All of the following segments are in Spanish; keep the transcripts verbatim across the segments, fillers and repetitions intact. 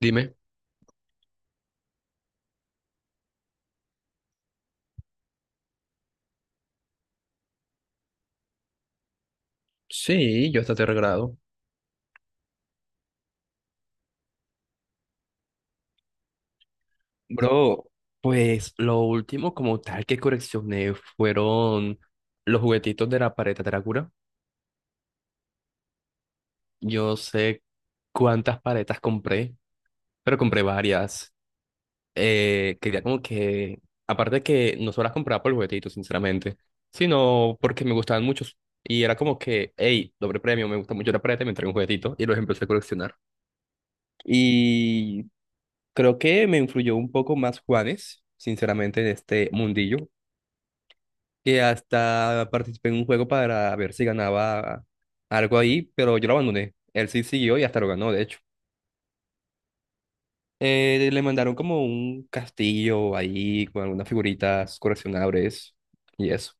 Dime. Sí, yo hasta tercer grado. Bro, pues lo último como tal que coleccioné fueron los juguetitos de la paleta Drácula. Yo no sé cuántas paletas compré, pero compré varias. Eh, quería como que, aparte de que no solo las compraba por el juguetito, sinceramente, sino porque me gustaban muchos. Y era como que, hey, doble premio, me gusta mucho la paleta, me trae un juguetito y los empecé a coleccionar. Y creo que me influyó un poco más Juanes, sinceramente, en este mundillo, que hasta participé en un juego para ver si ganaba algo ahí, pero yo lo abandoné. Él sí siguió y hasta lo ganó, de hecho. Eh, le mandaron como un castillo ahí con algunas figuritas coleccionables y eso.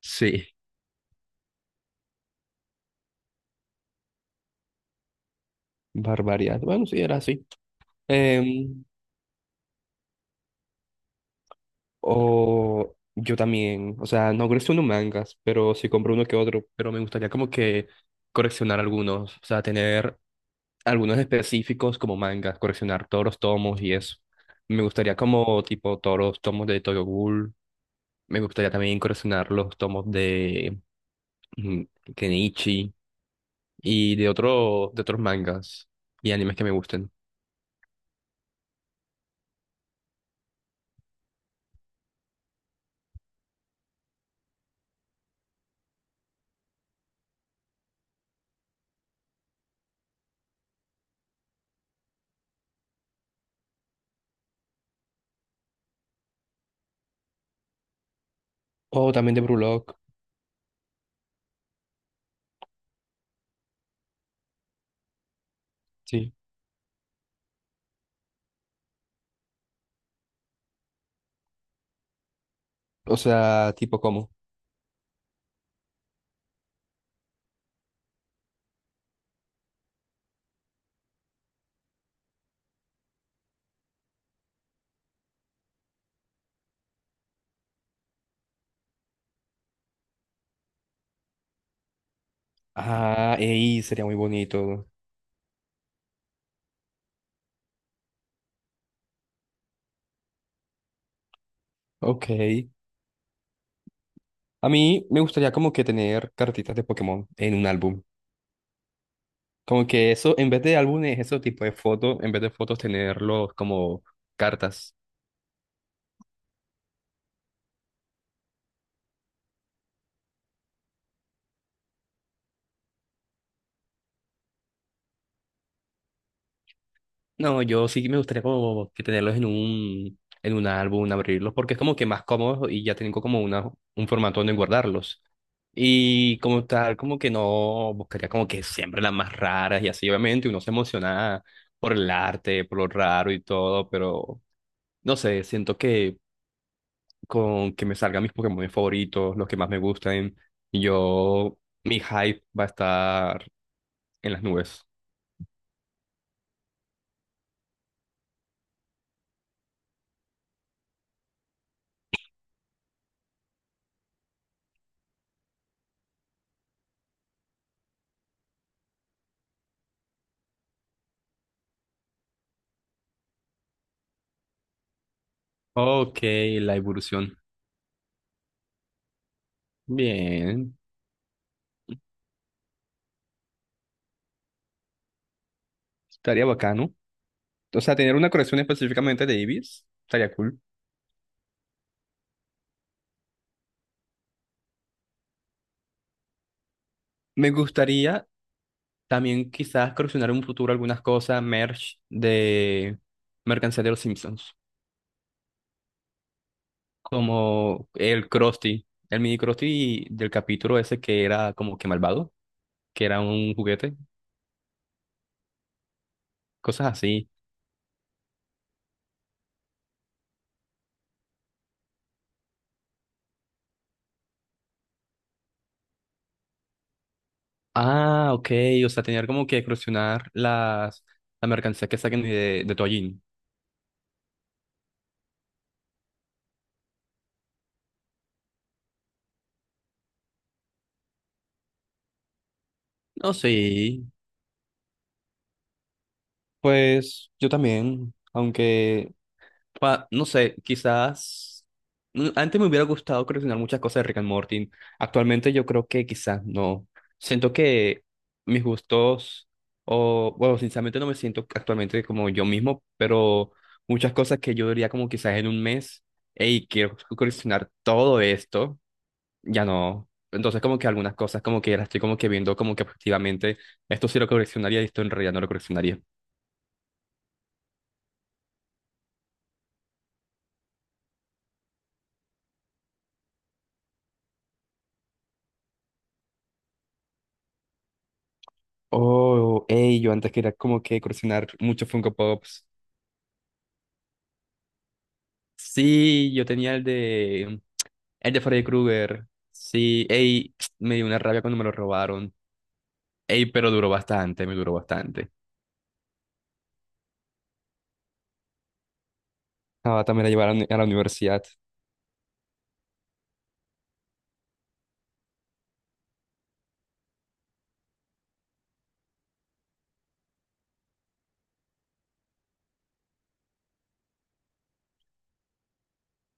Sí, barbaridad. Bueno, sí, era así. Em, o yo también, o sea, no colecciono mangas, pero sí compro uno que otro, pero me gustaría como que coleccionar algunos, o sea, tener algunos específicos como mangas, coleccionar todos los tomos y eso. Me gustaría como tipo todos los tomos de Tokyo Ghoul. Me gustaría también coleccionar los tomos de mm, Kenichi y de otros de otros mangas y animes que me gusten. O también de Brulock, sí. O sea, tipo como. Ah, ey, sería muy bonito. Ok. A mí me gustaría como que tener cartitas de Pokémon en un álbum. Como que eso, en vez de álbumes, eso tipo de fotos, en vez de fotos, tenerlos como cartas. No, yo sí me gustaría como que tenerlos en un, en un álbum, abrirlos, porque es como que más cómodo y ya tengo como una, un formato donde guardarlos. Y como tal, como que no, buscaría como que siempre las más raras y así, obviamente uno se emociona por el arte, por lo raro y todo, pero no sé, siento que con que me salgan mis Pokémon favoritos, los que más me gusten, y yo, mi hype va a estar en las nubes. Ok, la evolución. Bien, estaría bacano. O sea, tener una colección específicamente de Ibis, estaría cool. Me gustaría también quizás coleccionar en un futuro algunas cosas, merch de mercancía de los Simpsons, como el Krusty, el mini Krusty del capítulo ese que era como que malvado, que era un juguete, cosas así. Ah, ok, o sea, tener como que crucionar las, la mercancía que saquen de, de Toallín. No, sí, pues yo también, aunque, pa- no sé, quizás, mm, antes me hubiera gustado coleccionar muchas cosas de Rick and Morty, actualmente yo creo que quizás no, siento que mis gustos, o, bueno, sinceramente no me siento actualmente como yo mismo, pero muchas cosas que yo diría como quizás en un mes, hey, quiero coleccionar todo esto ya no. Entonces, como que algunas cosas, como que las estoy como que viendo como que objetivamente, esto sí lo coleccionaría y esto en realidad no lo coleccionaría. Oh, ey, yo antes quería como que coleccionar muchos Funko Pops. Sí, yo tenía el de, el de Freddy Krueger. Sí, ey, me dio una rabia cuando me lo robaron. Ey, pero duró bastante, me duró bastante. Ah, también la llevaron a la uni- a la universidad.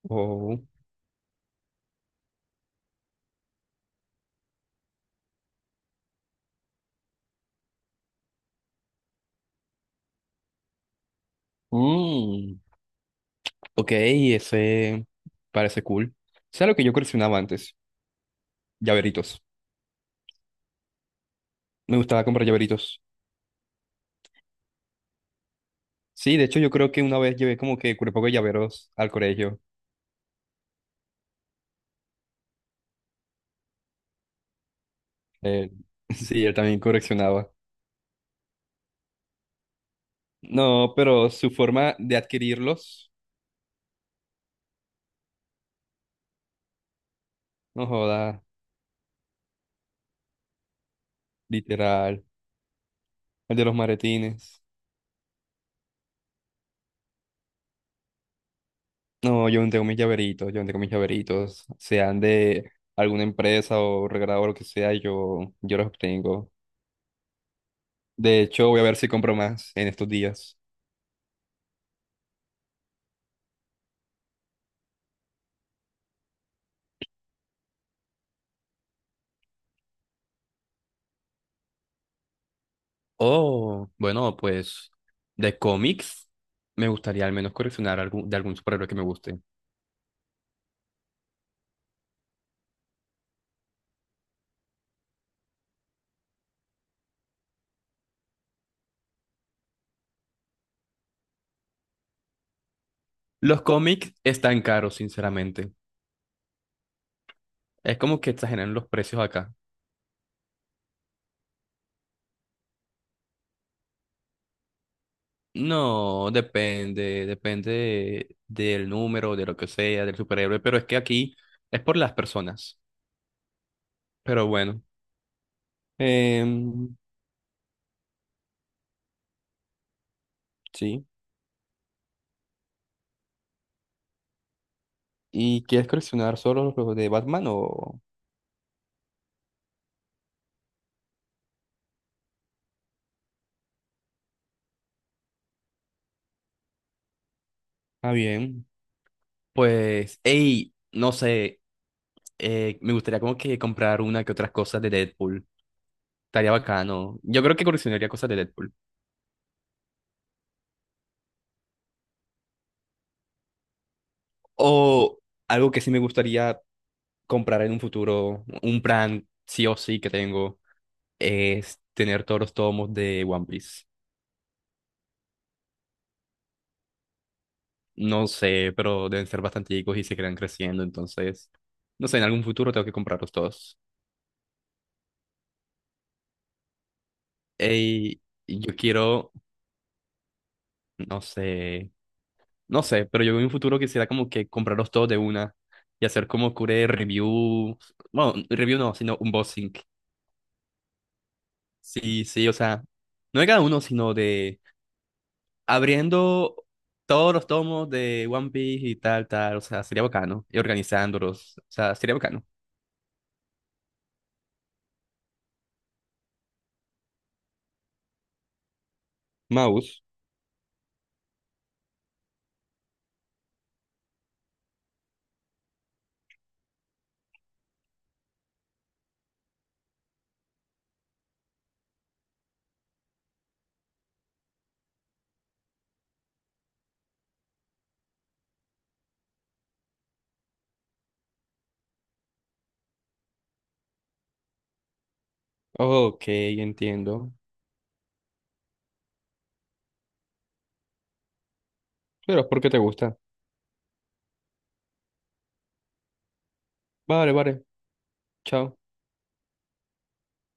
Oh. Mm, ok, ese parece cool. ¿Sabes lo que yo coleccionaba antes? Llaveritos. Me gustaba comprar llaveritos. Sí, de hecho yo creo que una vez llevé como que un poco de llaveros al colegio. Eh, sí, él también coleccionaba. No, pero su forma de adquirirlos, no joda, literal. El de los maletines. No, yo no tengo mis llaveritos, yo no tengo mis llaveritos, sean de alguna empresa o regalado o lo que sea, yo, yo los obtengo. De hecho, voy a ver si compro más en estos días. Oh, bueno, pues de cómics me gustaría al menos coleccionar algún, de algún superhéroe que me guste. Los cómics están caros, sinceramente. Es como que exageran los precios acá. No, depende, depende del número, de lo que sea, del superhéroe, pero es que aquí es por las personas. Pero bueno, em, sí. ¿Y quieres coleccionar solo los de Batman o...? Ah, bien. Pues, hey, no sé, eh, me gustaría como que comprar una que otras cosas de Deadpool. Estaría bacano. Yo creo que coleccionaría cosas de Deadpool. O algo que sí me gustaría comprar en un futuro, un plan sí o sí que tengo, es tener todos los tomos de One Piece. No sé, pero deben ser bastanticos y se quedan creciendo, entonces, no sé, en algún futuro tengo que comprarlos todos. Ey, y yo quiero, no sé. No sé, pero yo en un futuro quisiera como que comprarlos todos de una y hacer como cure review, bueno, review no, sino unboxing. Sí, sí, o sea, no de cada uno, sino de abriendo todos los tomos de One Piece y tal, tal, o sea, sería bacano, y organizándolos, o sea, sería bacano. Mouse. Ok, entiendo. Pero ¿por qué te gusta? Vale, vale. Chao.